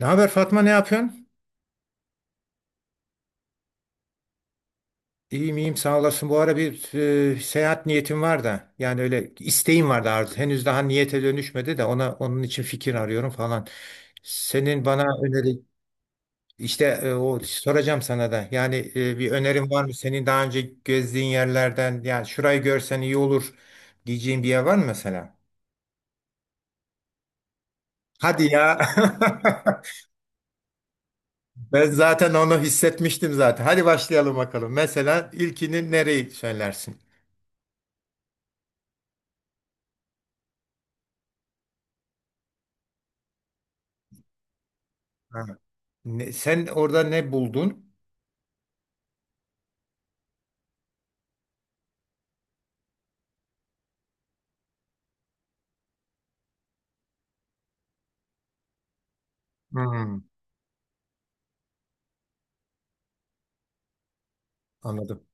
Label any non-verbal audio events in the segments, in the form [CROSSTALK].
Ne haber Fatma, ne yapıyorsun? İyiyim iyiyim, sağ olasın. Bu ara bir seyahat niyetim var da, yani öyle isteğim vardı, arzu. Henüz daha niyete dönüşmedi de onun için fikir arıyorum falan. Senin bana öneri, işte o soracağım sana da. Yani bir önerin var mı? Senin daha önce gezdiğin yerlerden, yani şurayı görsen iyi olur diyeceğin bir yer var mı mesela? Hadi ya. [LAUGHS] Ben zaten onu hissetmiştim zaten. Hadi başlayalım bakalım. Mesela ilkini nereyi söylersin? Sen orada ne buldun? Hmm. Anladım.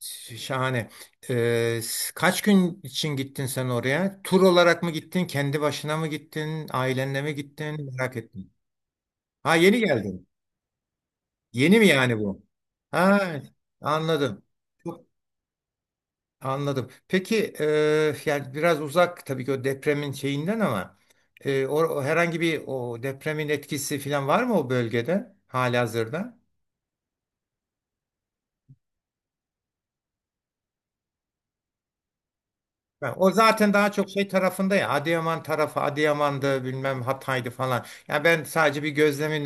Şahane. Kaç gün için gittin sen oraya? Tur olarak mı gittin? Kendi başına mı gittin? Ailenle mi gittin? Merak ettim. Ha, yeni geldin. Yeni mi yani bu? Ha, anladım. Çok- Anladım. Peki, yani biraz uzak tabii ki o depremin şeyinden, ama o herhangi bir, o depremin etkisi falan var mı o bölgede halihazırda? Ha, o zaten daha çok şey tarafında, ya Adıyaman tarafı, Adıyaman'dı bilmem Hatay'dı falan. Ya ben sadece bir gözlemin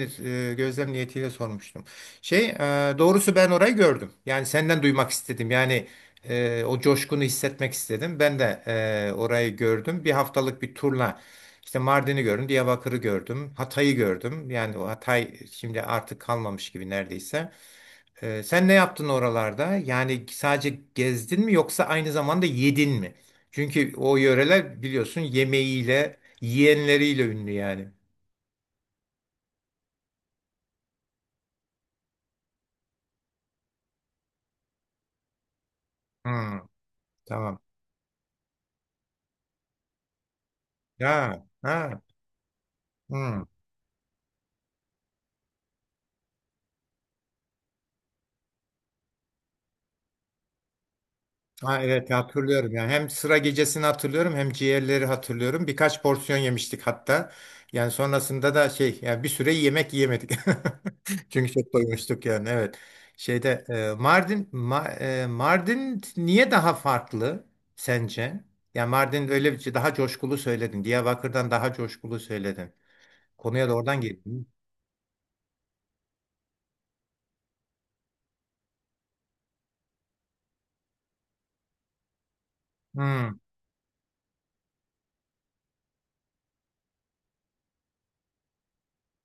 e, gözlem niyetiyle sormuştum. Şey e, Doğrusu ben orayı gördüm. Yani senden duymak istedim. Yani o coşkunu hissetmek istedim. Ben de orayı gördüm. Bir haftalık bir turla işte Mardin'i gördüm, Diyarbakır'ı gördüm, Hatay'ı gördüm. Yani o Hatay şimdi artık kalmamış gibi neredeyse. Sen ne yaptın oralarda? Yani sadece gezdin mi, yoksa aynı zamanda yedin mi? Çünkü o yöreler biliyorsun yemeğiyle, yiyenleriyle ünlü yani. Hmm, tamam. Ya, ha, hmm. Ha, evet, hatırlıyorum, yani hem sıra gecesini hatırlıyorum hem ciğerleri hatırlıyorum. Birkaç porsiyon yemiştik hatta. Yani sonrasında da şey, yani bir süre yemek yiyemedik. [LAUGHS] Çünkü çok doymuştuk yani, evet. Şeyde e, Mardin Ma- e, Mardin niye daha farklı sence? Yani Mardin öyle bir şey, daha coşkulu söyledin. Diyarbakır'dan daha coşkulu söyledin. Konuya da oradan girdin. Hmm.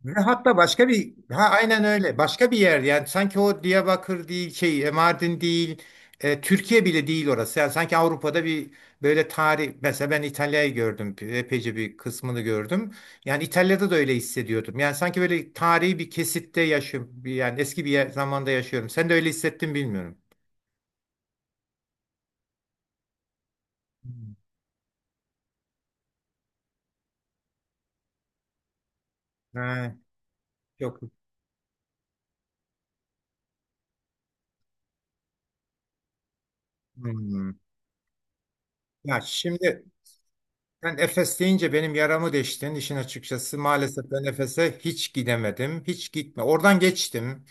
Ve hatta başka bir ha aynen öyle, başka bir yer. Yani sanki o Diyarbakır değil, Mardin değil, Türkiye bile değil orası. Yani sanki Avrupa'da bir, böyle tarih. Mesela ben İtalya'yı gördüm, epeyce bir kısmını gördüm. Yani İtalya'da da öyle hissediyordum, yani sanki böyle tarihi bir kesitte yaşıyorum, yani eski bir zamanda yaşıyorum. Sen de öyle hissettin bilmiyorum. Hmm. Ha, yok. Hmm. Ya şimdi, ben Efes deyince benim yaramı deştin işin açıkçası. Maalesef ben Efes'e hiç gidemedim. Hiç gitme. Oradan geçtim.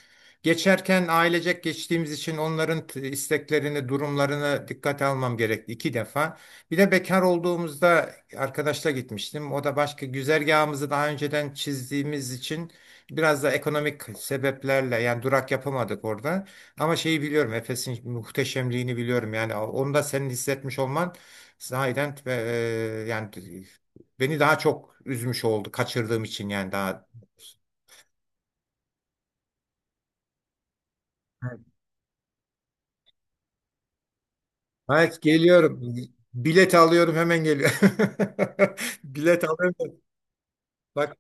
Geçerken ailecek geçtiğimiz için onların isteklerini, durumlarını dikkate almam gerekti iki defa. Bir de bekar olduğumuzda arkadaşla gitmiştim. O da başka, güzergahımızı daha önceden çizdiğimiz için biraz da ekonomik sebeplerle yani durak yapamadık orada. Ama şeyi biliyorum, Efes'in muhteşemliğini biliyorum. Yani onu da senin hissetmiş olman, sahiden yani beni daha çok üzmüş oldu kaçırdığım için, yani daha... Evet, geliyorum. Bilet alıyorum, hemen geliyorum. [LAUGHS] Bilet alıyorum. Bak,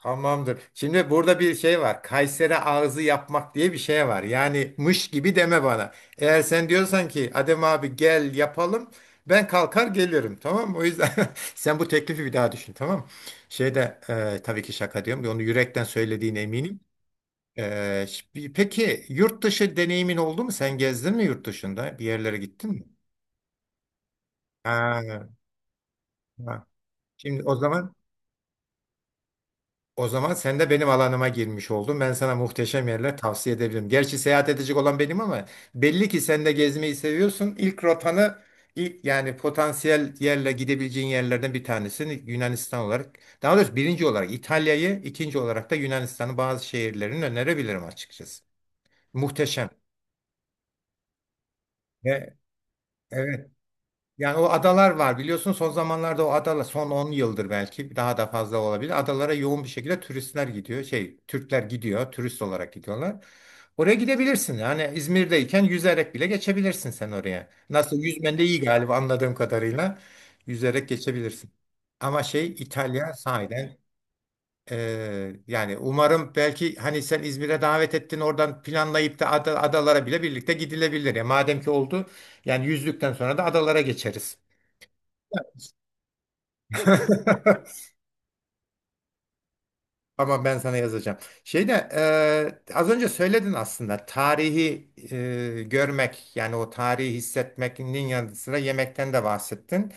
tamamdır. Şimdi burada bir şey var. Kayseri ağzı yapmak diye bir şey var. Yani mış gibi deme bana. Eğer sen diyorsan ki Adem abi gel yapalım, ben kalkar gelirim. Tamam mı? O yüzden [LAUGHS] sen bu teklifi bir daha düşün. Tamam mı? Tabii ki şaka diyorum. Onu yürekten söylediğine eminim. Peki yurt dışı deneyimin oldu mu? Sen gezdin mi yurt dışında? Bir yerlere gittin mi? Ha, ha. Şimdi o zaman sen de benim alanıma girmiş oldun. Ben sana muhteşem yerler tavsiye edebilirim. Gerçi seyahat edecek olan benim ama belli ki sen de gezmeyi seviyorsun. İlk rotanı, ilk yani potansiyel yerle gidebileceğin yerlerden bir tanesini Yunanistan olarak, daha doğrusu birinci olarak İtalya'yı, ikinci olarak da Yunanistan'ın bazı şehirlerini önerebilirim açıkçası. Muhteşem. Ve evet. Yani o adalar var, biliyorsun son zamanlarda o adalar, son 10 yıldır, belki daha da fazla olabilir, adalara yoğun bir şekilde turistler gidiyor. Türkler gidiyor, turist olarak gidiyorlar. Oraya gidebilirsin. Yani İzmir'deyken yüzerek bile geçebilirsin sen oraya. Nasıl, yüzmen de iyi galiba anladığım kadarıyla. Yüzerek geçebilirsin. Ama İtalya sahiden yani umarım, belki hani sen İzmir'e davet ettin, oradan planlayıp da adalara bile birlikte gidilebilir. Ya madem ki oldu, yani yüzdükten sonra da adalara geçeriz. [LAUGHS] ama ben sana yazacağım. Şeyde Az önce söyledin aslında, tarihi görmek, yani o tarihi hissetmenin yanı sıra yemekten de bahsettin.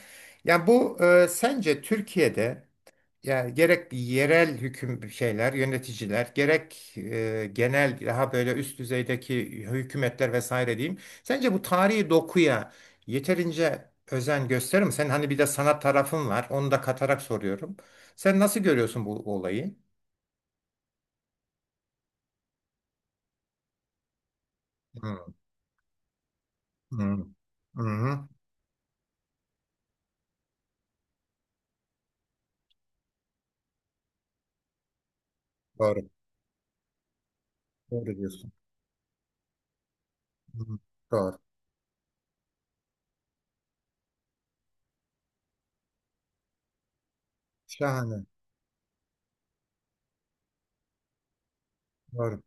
Yani bu, sence Türkiye'de, yani gerek yerel hüküm şeyler, yöneticiler, gerek genel daha böyle üst düzeydeki hükümetler vesaire diyeyim, sence bu tarihi dokuya yeterince özen gösterir mi? Sen hani bir de sanat tarafın var. Onu da katarak soruyorum. Sen nasıl görüyorsun bu olayı? Hı, hı, hı. Doğru. Doğru diyorsun. Hı, doğru. Şahane. Doğru.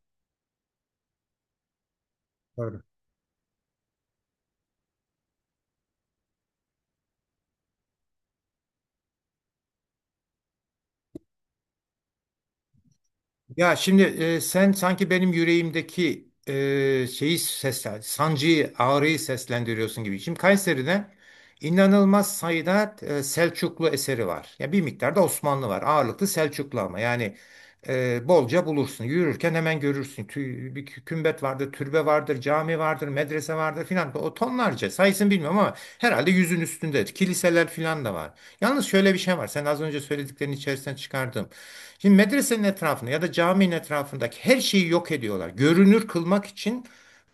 Doğru. Ya şimdi, sen sanki benim yüreğimdeki şeyi, seslen, sancıyı, ağrıyı seslendiriyorsun gibi. Şimdi Kayseri'de inanılmaz sayıda Selçuklu eseri var. Ya bir miktar da Osmanlı var. Ağırlıklı Selçuklu ama yani bolca bulursun. Yürürken hemen görürsün. Bir kümbet vardır, türbe vardır, cami vardır, medrese vardır filan. O tonlarca sayısını bilmiyorum ama herhalde yüzün üstünde. Kiliseler filan da var. Yalnız şöyle bir şey var. Sen az önce söylediklerin içerisinden çıkardım. Şimdi medresenin etrafında ya da caminin etrafındaki her şeyi yok ediyorlar. Görünür kılmak için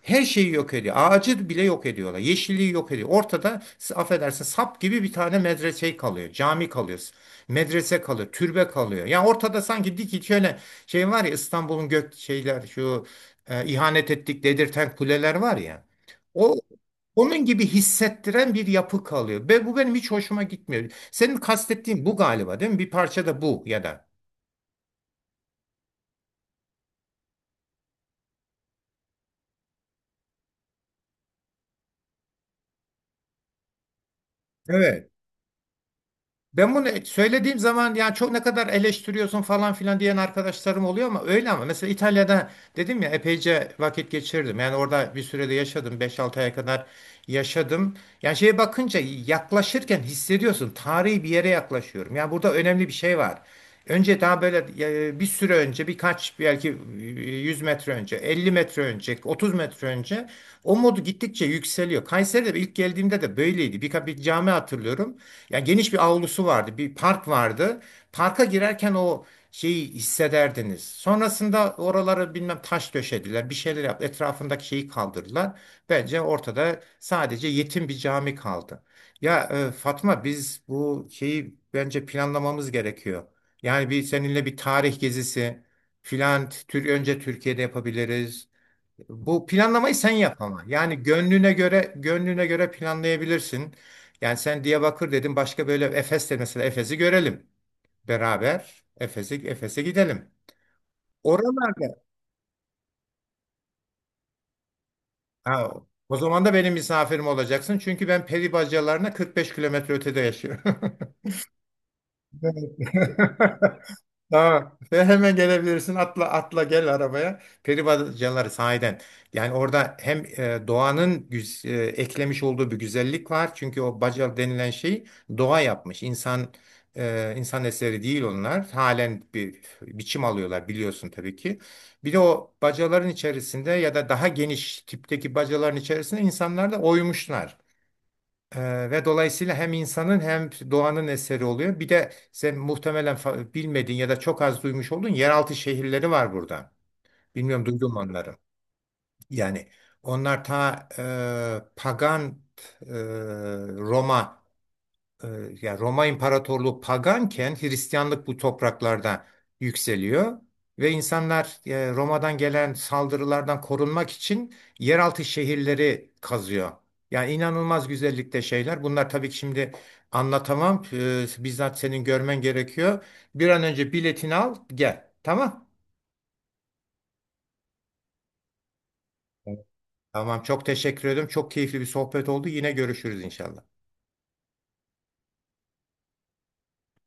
her şeyi yok ediyor. Ağacı bile yok ediyorlar. Yeşilliği yok ediyor. Ortada, affedersin, sap gibi bir tane medrese kalıyor. Cami kalıyor. Medrese kalıyor. Türbe kalıyor. Yani ortada sanki dik, şöyle şey var ya, İstanbul'un gök şeyler, şu ihanet ettik dedirten kuleler var ya, O onun gibi hissettiren bir yapı kalıyor. Ve bu benim hiç hoşuma gitmiyor. Senin kastettiğin bu galiba, değil mi? Bir parça da bu ya da. Evet. Ben bunu söylediğim zaman yani, çok ne kadar eleştiriyorsun falan filan diyen arkadaşlarım oluyor ama öyle. Ama mesela İtalya'da, dedim ya, epeyce vakit geçirdim. Yani orada bir sürede yaşadım. 5-6 aya kadar yaşadım. Yani şeye bakınca, yaklaşırken hissediyorsun. Tarihi bir yere yaklaşıyorum, yani burada önemli bir şey var. Önce daha böyle bir süre önce, birkaç belki, 100 metre önce, 50 metre önce, 30 metre önce, o modu gittikçe yükseliyor. Kayseri'de ilk geldiğimde de böyleydi. Birkaç bir cami hatırlıyorum. Yani geniş bir avlusu vardı, bir park vardı. Parka girerken o şeyi hissederdiniz. Sonrasında oraları bilmem taş döşediler, bir şeyler yaptı. Etrafındaki şeyi kaldırdılar. Bence ortada sadece yetim bir cami kaldı. Ya Fatma, biz bu şeyi bence planlamamız gerekiyor. Yani bir seninle bir tarih gezisi filan tür önce Türkiye'de yapabiliriz. Bu planlamayı sen yap ama. Yani gönlüne göre, gönlüne göre planlayabilirsin. Yani sen Diyarbakır dedin, başka böyle Efes de, mesela Efes'i görelim beraber. Efes'e gidelim. Oralarda... Ha, o zaman da benim misafirim olacaksın. Çünkü ben peri bacalarına 45 kilometre ötede yaşıyorum. [LAUGHS] Evet. [LAUGHS] Tamam. Ve hemen gelebilirsin. Atla atla gel arabaya. Peribacaları sahiden. Yani orada hem eklemiş olduğu bir güzellik var. Çünkü o baca denilen şey, doğa yapmış. İnsan eseri değil onlar. Halen bir biçim alıyorlar biliyorsun tabii ki. Bir de o bacaların içerisinde ya da daha geniş tipteki bacaların içerisinde insanlar da oymuşlar. Ve dolayısıyla hem insanın hem doğanın eseri oluyor. Bir de sen muhtemelen bilmediğin ya da çok az duymuş olduğun yeraltı şehirleri var burada. Bilmiyorum, duydun mu onları. Yani onlar ta pagan, e, Roma, e, yani Roma İmparatorluğu paganken Hristiyanlık bu topraklarda yükseliyor ve insanlar Roma'dan gelen saldırılardan korunmak için yeraltı şehirleri kazıyor. Yani inanılmaz güzellikte şeyler. Bunlar tabii ki şimdi anlatamam. Bizzat senin görmen gerekiyor. Bir an önce biletini al, gel. Tamam. Tamam, çok teşekkür ederim. Çok keyifli bir sohbet oldu. Yine görüşürüz inşallah.